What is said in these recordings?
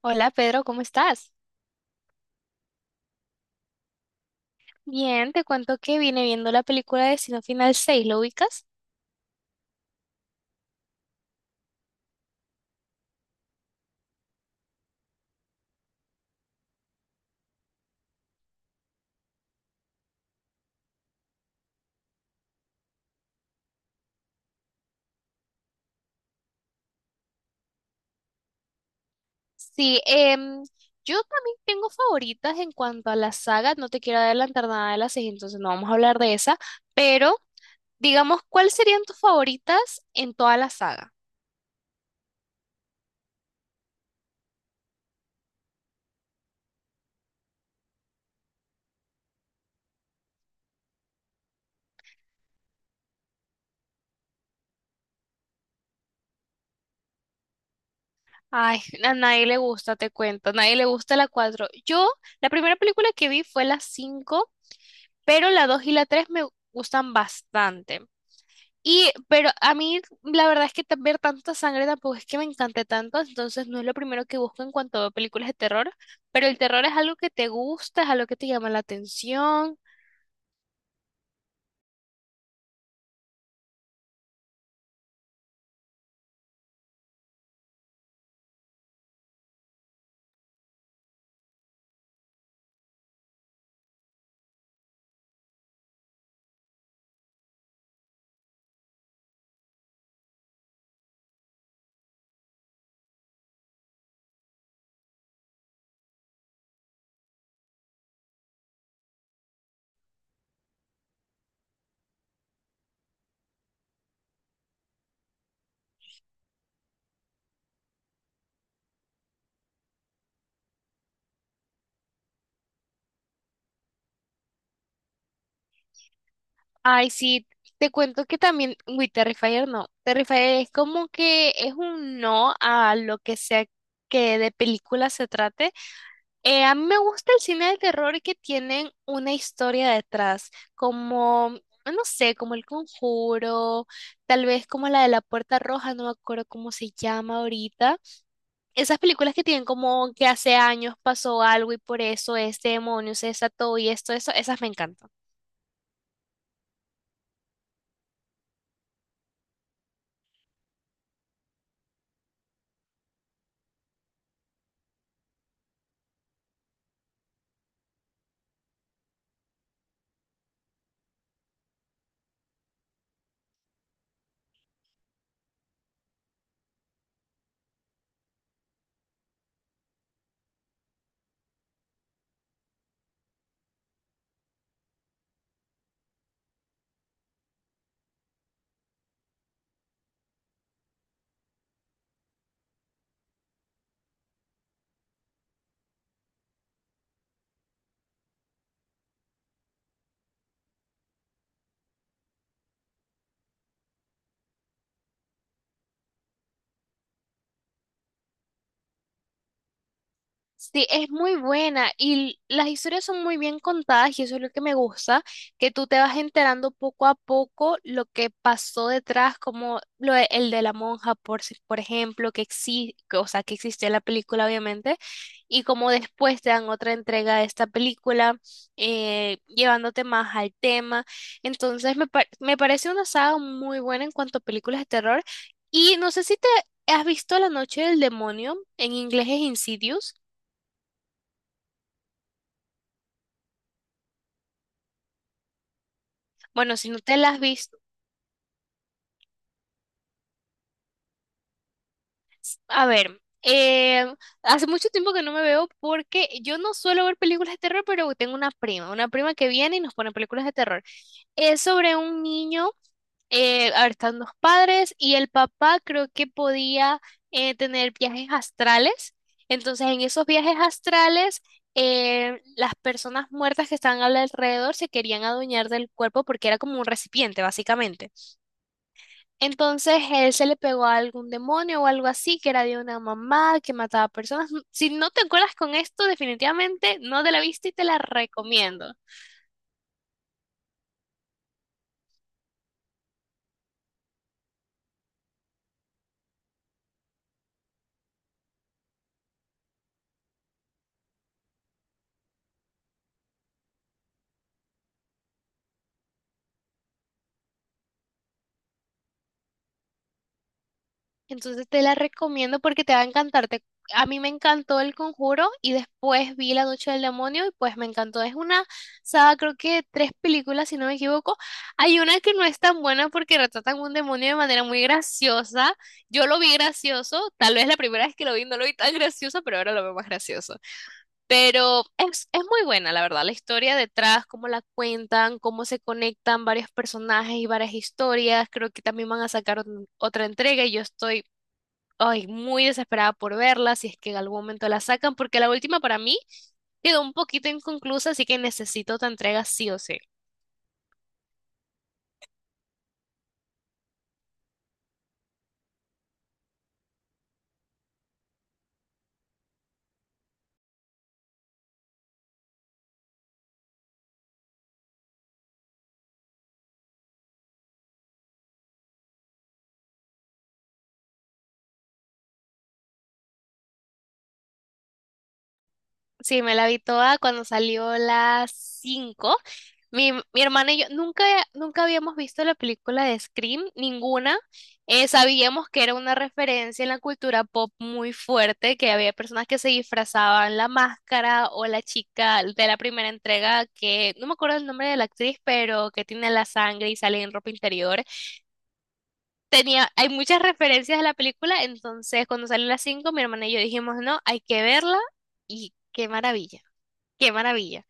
Hola Pedro, ¿cómo estás? Bien, te cuento que vine viendo la película de Destino Final 6, ¿lo ubicas? Sí, yo también tengo favoritas en cuanto a la saga, no te quiero adelantar nada de las 6, entonces no vamos a hablar de esa, pero digamos, ¿cuáles serían tus favoritas en toda la saga? Ay, a nadie le gusta, te cuento, a nadie le gusta la 4. Yo, la primera película que vi fue la 5, pero la 2 y la 3 me gustan bastante. Y, pero a mí la verdad es que ver tanta sangre tampoco es que me encante tanto, entonces no es lo primero que busco en cuanto a películas de terror, pero el terror es algo que te gusta, es algo que te llama la atención. Ay, sí, te cuento que también, uy, Terrifier no, Terrifier es como que es un no a lo que sea que de película se trate. A mí me gusta el cine de terror que tienen una historia detrás, como, no sé, como El Conjuro, tal vez como la de La Puerta Roja, no me acuerdo cómo se llama ahorita. Esas películas que tienen como que hace años pasó algo y por eso este demonio se desató y esto, eso, esas me encantan. Sí, es muy buena y las historias son muy bien contadas y eso es lo que me gusta, que tú te vas enterando poco a poco lo que pasó detrás, como lo, el de la monja, por, si- por ejemplo, que existe, o sea, que existió en la película, obviamente, y como después te dan otra entrega de esta película, llevándote más al tema. Entonces, me parece una saga muy buena en cuanto a películas de terror y no sé si te has visto La Noche del Demonio, en inglés es Insidious. Bueno, si no te las has visto, a ver, hace mucho tiempo que no me veo porque yo no suelo ver películas de terror, pero tengo una prima que viene y nos pone películas de terror. Es sobre un niño, a ver, están los padres y el papá creo que podía tener viajes astrales. Entonces, en esos viajes astrales, las personas muertas que estaban al alrededor se querían adueñar del cuerpo porque era como un recipiente, básicamente. Entonces él se le pegó a algún demonio o algo así, que era de una mamá que mataba personas. Si no te acuerdas con esto, definitivamente no te la viste y te la recomiendo. Entonces te la recomiendo porque te va a encantar. A mí me encantó El Conjuro y después vi La Noche del Demonio y pues me encantó. Es una saga, creo que tres películas, si no me equivoco. Hay una que no es tan buena porque retratan un demonio de manera muy graciosa. Yo lo vi gracioso, tal vez la primera vez que lo vi no lo vi tan gracioso, pero ahora lo veo más gracioso. Pero es muy buena, la verdad, la historia detrás, cómo la cuentan, cómo se conectan varios personajes y varias historias. Creo que también van a sacar otra entrega y yo estoy, ay, muy desesperada por verla, si es que en algún momento la sacan, porque la última para mí quedó un poquito inconclusa, así que necesito otra entrega sí o sí. Sí, me la vi toda cuando salió las 5. Mi hermana y yo nunca, nunca habíamos visto la película de Scream, ninguna. Sabíamos que era una referencia en la cultura pop muy fuerte, que había personas que se disfrazaban la máscara o la chica de la primera entrega, que no me acuerdo el nombre de la actriz, pero que tiene la sangre y sale en ropa interior. Tenía, hay muchas referencias de la película, entonces cuando salió las 5 mi hermana y yo dijimos, no, hay que verla y qué maravilla. Qué maravilla.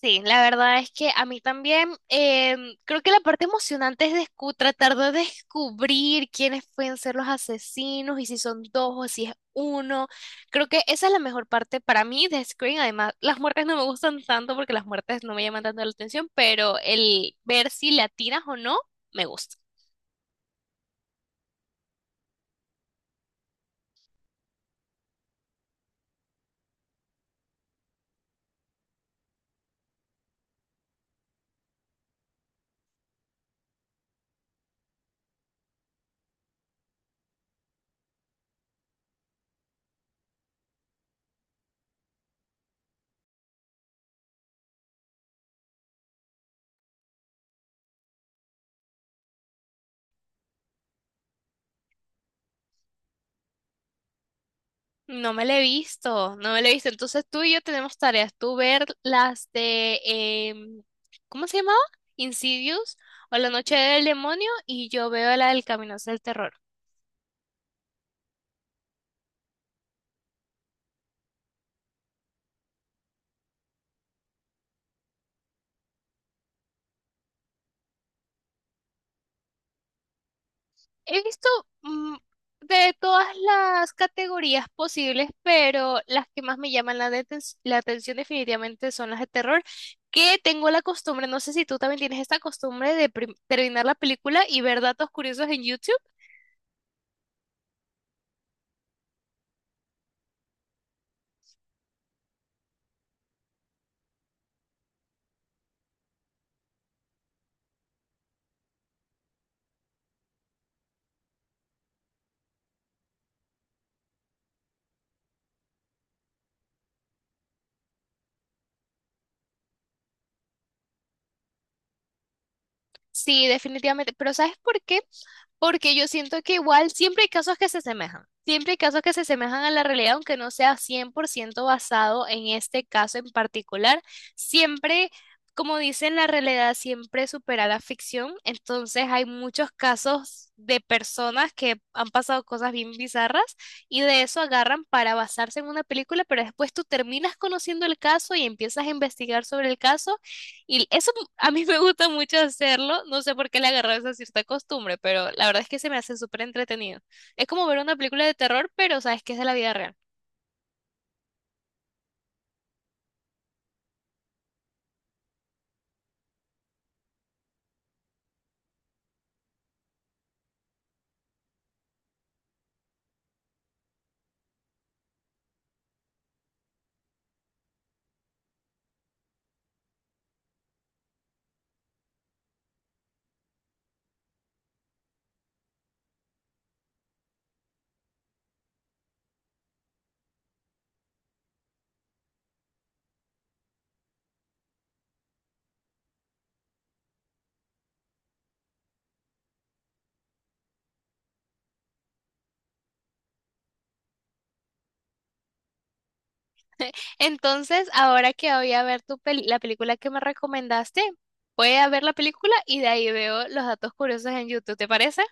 Sí, la verdad es que a mí también creo que la parte emocionante es tratar de descubrir quiénes pueden ser los asesinos y si son dos o si es uno. Creo que esa es la mejor parte para mí de Scream. Además, las muertes no me gustan tanto porque las muertes no me llaman tanto la atención, pero el ver si le atinas o no me gusta. No me la he visto, no me la he visto. Entonces tú y yo tenemos tareas. Tú ver las de, ¿cómo se llamaba? Insidious o La Noche del Demonio y yo veo la del Camino hacia el Terror. He visto mm, de todas las categorías posibles, pero las que más me llaman la atención definitivamente son las de terror, que tengo la costumbre, no sé si tú también tienes esta costumbre de terminar la película y ver datos curiosos en YouTube. Sí, definitivamente. Pero ¿sabes por qué? Porque yo siento que igual siempre hay casos que se asemejan. Siempre hay casos que se asemejan a la realidad, aunque no sea 100% basado en este caso en particular. Siempre, como dicen, la realidad siempre supera la ficción. Entonces hay muchos casos de personas que han pasado cosas bien bizarras y de eso agarran para basarse en una película, pero después tú terminas conociendo el caso y empiezas a investigar sobre el caso y eso a mí me gusta mucho hacerlo, no sé por qué le agarré esa cierta costumbre, pero la verdad es que se me hace súper entretenido. Es como ver una película de terror, pero sabes que es de la vida real. Entonces, ahora que voy a ver la película que me recomendaste, voy a ver la película y de ahí veo los datos curiosos en YouTube, ¿te parece?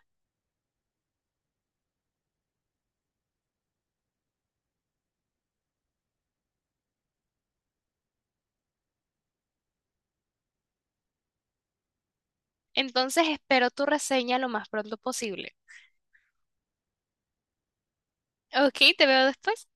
Entonces, espero tu reseña lo más pronto posible. Ok, te veo después.